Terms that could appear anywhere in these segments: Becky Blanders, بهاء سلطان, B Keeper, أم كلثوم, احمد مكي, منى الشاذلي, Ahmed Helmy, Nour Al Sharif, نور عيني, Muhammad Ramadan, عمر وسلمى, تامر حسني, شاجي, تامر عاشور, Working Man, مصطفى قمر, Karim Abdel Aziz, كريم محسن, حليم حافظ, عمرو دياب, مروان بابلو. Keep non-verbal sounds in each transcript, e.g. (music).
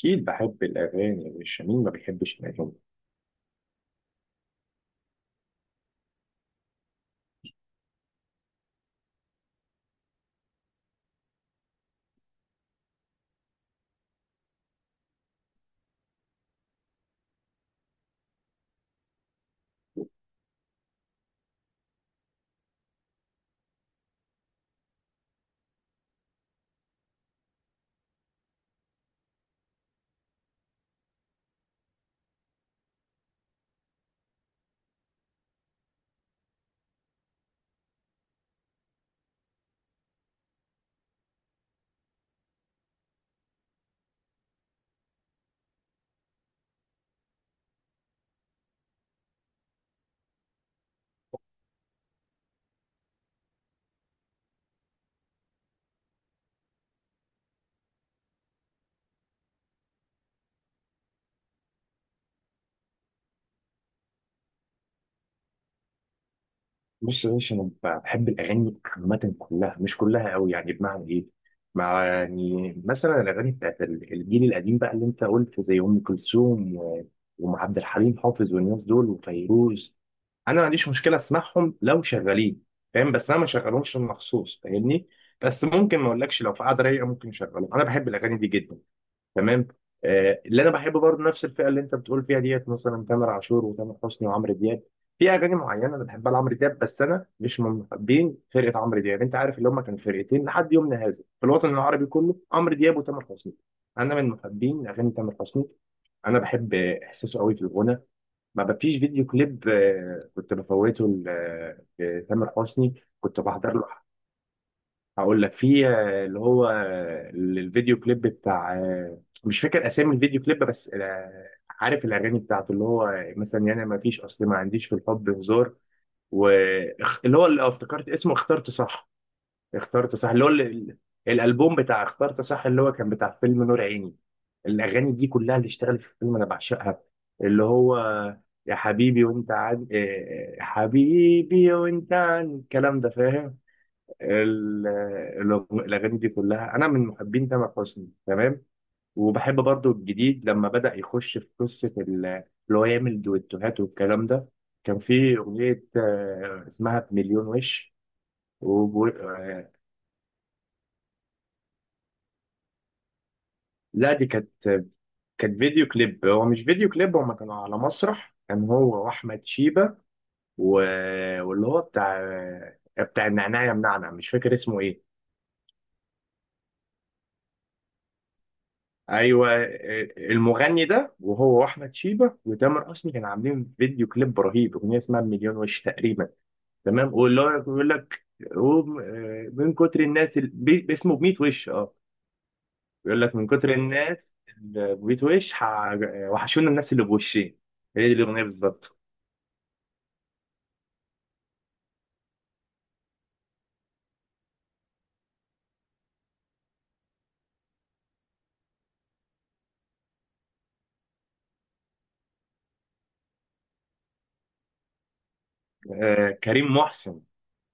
أكيد بحب الأغاني يا باشا، مين ما بيحبش الأغاني؟ بص يا باشا، أنا بحب الأغاني عامة، كلها مش كلها أوي، يعني بمعنى إيه؟ مع يعني مثلا الأغاني بتاعت الجيل القديم بقى اللي أنت قلت، زي أم كلثوم وأم عبد الحليم حافظ والناس دول وفيروز. أنا ما عنديش مشكلة أسمعهم لو شغالين، فاهم؟ بس أنا ما شغلهمش مخصوص، فاهمني؟ بس ممكن ما أقولكش، لو في قعدة رايقة ممكن أشغلهم، أنا بحب الأغاني دي جدا. تمام. آه، اللي انا بحب برضه نفس الفئه اللي انت بتقول فيها ديت، مثلا تامر عاشور وتامر حسني وعمرو دياب. في اغاني معينه انا بحبها لعمرو دياب، بس انا مش من محبين فرقه عمرو دياب. انت عارف، اللي هم كانوا فرقتين لحد يومنا هذا في الوطن العربي كله، عمرو دياب وتامر حسني. انا من محبين اغاني تامر حسني. انا بحب احساسه قوي في الغنى. ما فيش فيديو كليب كنت بفوته لتامر حسني. كنت بحضر له. هقول لك، في اللي هو الفيديو كليب بتاع مش فاكر اسامي الفيديو كليب، بس عارف الاغاني بتاعته، اللي هو مثلا يعني ما فيش اصل، ما عنديش في الحب هزار. واللي هو اللي افتكرت اسمه، اخترت صح. اخترت صح، اللي هو الالبوم بتاع اخترت صح، اللي هو كان بتاع فيلم نور عيني. الاغاني دي كلها اللي اشتغلت في الفيلم انا بعشقها. اللي هو يا حبيبي وانت عن حبيبي وانت عن، الكلام ده فاهم. ال- الأغاني دي كلها، أنا من محبين تامر حسني، تمام. وبحب برضو الجديد، لما بدأ يخش في قصة اللي هو يعمل دويتوهات والكلام ده. كان في أغنية اسمها بمليون وش. و... آه، لا دي كانت فيديو كليب. هو مش فيديو كليب، هما كانوا على مسرح، كان هو وأحمد شيبة. و... واللي هو بتاع بتاع النعناع يا منعنع، مش فاكر اسمه إيه. ايوه، المغني ده وهو واحمد شيبه وتامر حسني كانوا عاملين فيديو كليب رهيب، اغنيه اسمها مليون وش تقريبا. تمام. واللي هو بيقول لك هو من كتر الناس، اسمه ب 100 وش. اه. بيقول لك من كتر الناس، اللي ب 100 وش، وحشونا الناس اللي بوشين. هي دي الاغنيه بالظبط. كريم محسن.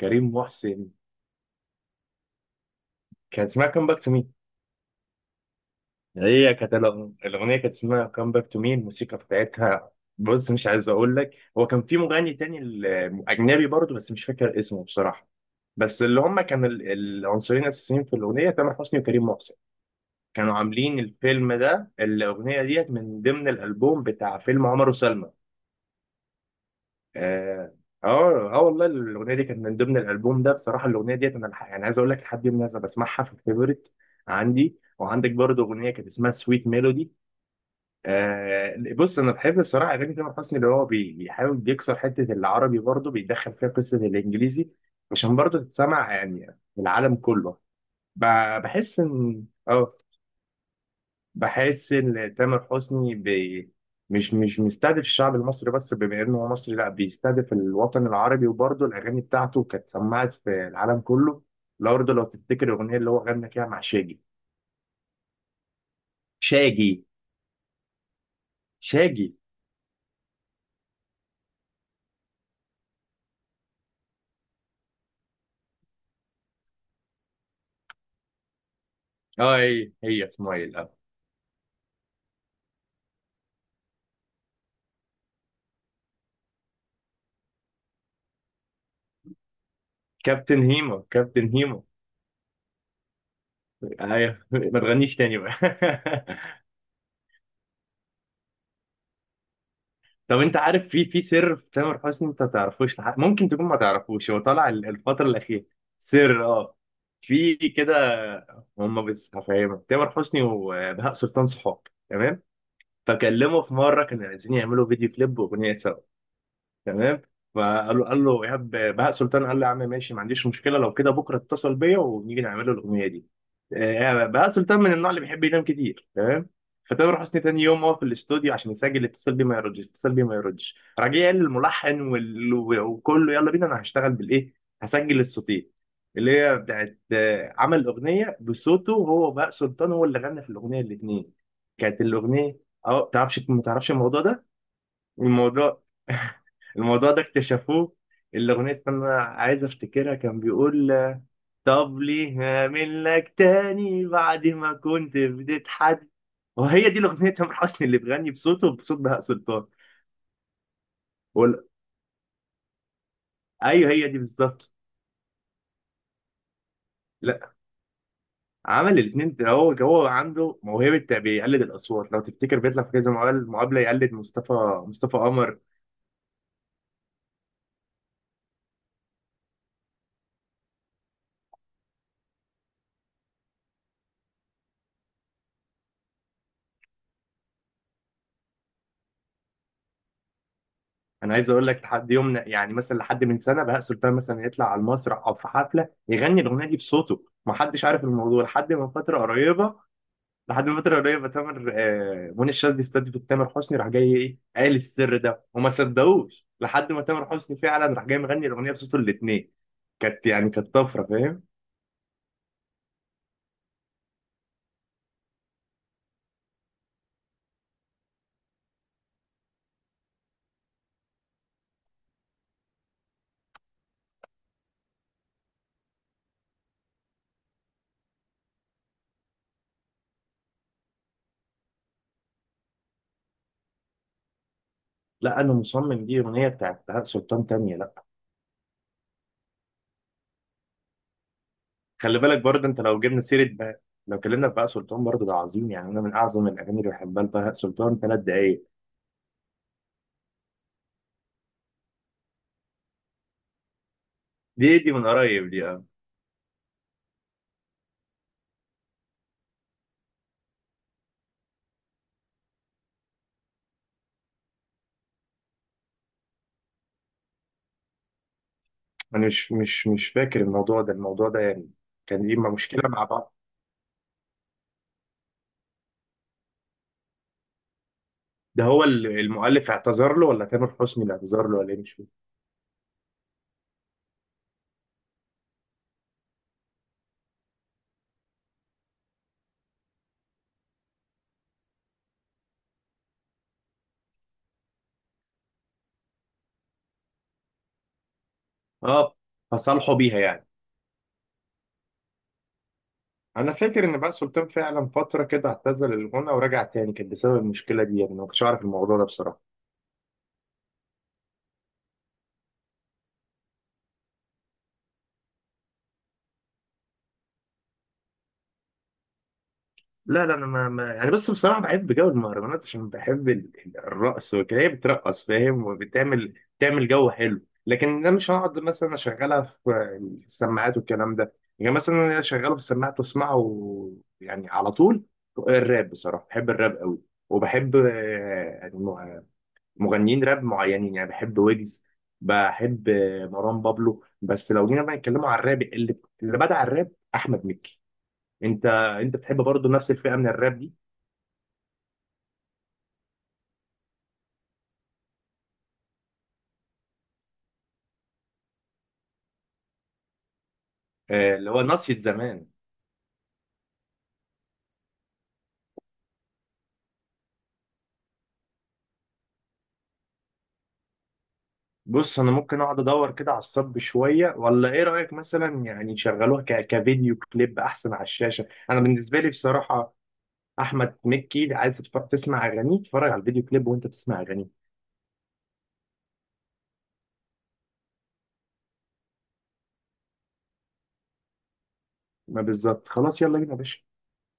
كريم محسن. كان اسمها كام باك تو. هي كانت الأغنية، كانت اسمها كام باك تو مي. الموسيقى بتاعتها، بص مش عايز أقول لك، هو كان في مغني تاني أجنبي برضه، بس مش فاكر اسمه بصراحة. بس اللي هم كانوا العنصرين الأساسيين في الأغنية، تامر حسني وكريم محسن. كانوا عاملين الفيلم ده، الأغنية ديت من ضمن الألبوم بتاع فيلم عمر وسلمى. آه، آه، آه، والله الأغنية دي كانت من ضمن الألبوم ده. بصراحة الأغنية ديت أنا يعني عايز أقول لك، لحد الناس بسمعها في الفيفوريت عندي وعندك. برضه أغنية كانت اسمها سويت ميلودي. آه، بص انا بحب بصراحه اغاني تامر حسني، اللي هو بيحاول بيكسر حته العربي، برضه بيدخل فيها قصه الانجليزي، عشان برضه تتسمع يعني في العالم كله. ب- بحس ان اه بحس ان تامر حسني مش مستهدف الشعب المصري بس، بما انه هو مصري لا، بيستهدف الوطن العربي، وبرضه الاغاني بتاعته كانت سمعت في العالم كله. لو تفتكر الاغنيه اللي هو غنى فيها مع شاجي. شاجي. شاجي. اه، هي اسمها ايه؟ كابتن هيما. كابتن هيما. أيوة. (laughs) ما تغنيش تاني بقى. (laughs) طب انت عارف، في سر في تامر حسني انت ما تعرفوش، لحد ممكن تكون ما تعرفوش. هو طالع الفترة الأخيرة. سر، اه. في كده. هم، بس هفهمك. تامر حسني وبهاء سلطان صحاب، تمام؟ فكلمه في مرة كانوا عايزين يعملوا فيديو كليب وأغنية سوا، تمام. فقال له قال له ايهاب بهاء سلطان، قال له يا عم ماشي، ما عنديش مشكله، لو كده بكره اتصل بيا ونيجي نعمل له الاغنيه دي. بهاء سلطان من النوع اللي بيحب ينام كتير، تمام. فتامر حسني تاني يوم هو في الاستوديو عشان يسجل، اتصل بيه ما يردش، اتصل بيه ما يردش، راجع قال للملحن وكله يلا بينا، انا هشتغل بالايه، هسجل الصوتين. اللي هي بتاعت عمل اغنيه بصوته هو، بهاء سلطان، هو اللي غنى في الاغنيه الاثنين. كانت الاغنيه، اه تعرفش، ما تعرفش الموضوع ده. الموضوع (laughs) الموضوع ده اكتشفوه. الأغنية استنى عايز أفتكرها، كان بيقول طب ليه هعمل لك تاني بعد ما كنت بتتحد، وهي دي الأغنية تامر حسني اللي بيغني بصوته بصوت بهاء سلطان. وال- أيوه هي دي بالظبط. لا، عمل الاثنين هو عنده موهبة بيقلد الأصوات، لو تفتكر بيطلع في كذا مقابلة يقلد مصطفى قمر. انا عايز اقول لك، لحد يومنا يعني مثلا لحد من سنه، بهاء سلطان مثلا يطلع على المسرح او في حفله يغني الاغنيه دي بصوته، ما حدش عارف الموضوع لحد من فتره قريبه. لحد من فتره قريبه، تامر آه، منى الشاذلي استضيفت تامر حسني، راح جاي ايه، قال السر ده، وما صدقوش لحد ما تامر حسني فعلا راح جاي مغني الاغنيه بصوته الاثنين. كانت يعني كانت طفره، فاهم. لا انا مصمم، دي اغنيه بتاعت بهاء سلطان تانيه، لا. خلي بالك برضه انت، لو جبنا سيره بهاء، لو اتكلمنا في بهاء سلطان برضه ده عظيم. يعني انا من اعظم الاغاني اللي بحبها لبهاء سلطان، 3 دقايق. دي من قريب دي، اه. انا مش فاكر الموضوع ده، الموضوع ده يعني كان دي مشكله مع بعض. ده هو المؤلف اعتذر له، ولا تامر حسني اللي اعتذر له، ولا ايه؟ مش فاكر. اه، فصالحوا بيها يعني. انا فاكر ان بقى سلطان فعلا فتره كده اعتزل الغنى ورجع تاني، كان بسبب المشكله دي يعني، أنا ما كنتش اعرف الموضوع ده بصراحه. لا، لا، انا ما يعني، بس بصراحه بحب جو المهرجانات، عشان بحب الرقص وكده، هي بترقص فاهم، وبتعمل جو حلو. لكن انا مش هقعد مثلا اشغلها في السماعات والكلام ده، يعني مثلا انا اشغله في السماعات واسمعه يعني على طول. الراب بصراحه بحب الراب قوي. وبحب يعني مغنيين راب معينين، يعني بحب ويجز، بحب مروان بابلو، بس لو جينا بقى نتكلموا عن الراب، اللي بدع الراب احمد مكي. انت انت بتحب برضه نفس الفئه من الراب دي؟ اللي هو ناصية زمان. بص انا ممكن اقعد ادور كده على الصب شويه، ولا ايه رايك، مثلا يعني يشغلوها كفيديو كليب احسن على الشاشه. انا بالنسبه لي بصراحه احمد مكي عايز تسمع اغانيه اتفرج على الفيديو كليب وانت بتسمع اغانيه. ما بالظبط خلاص، يلا بينا يا باشا.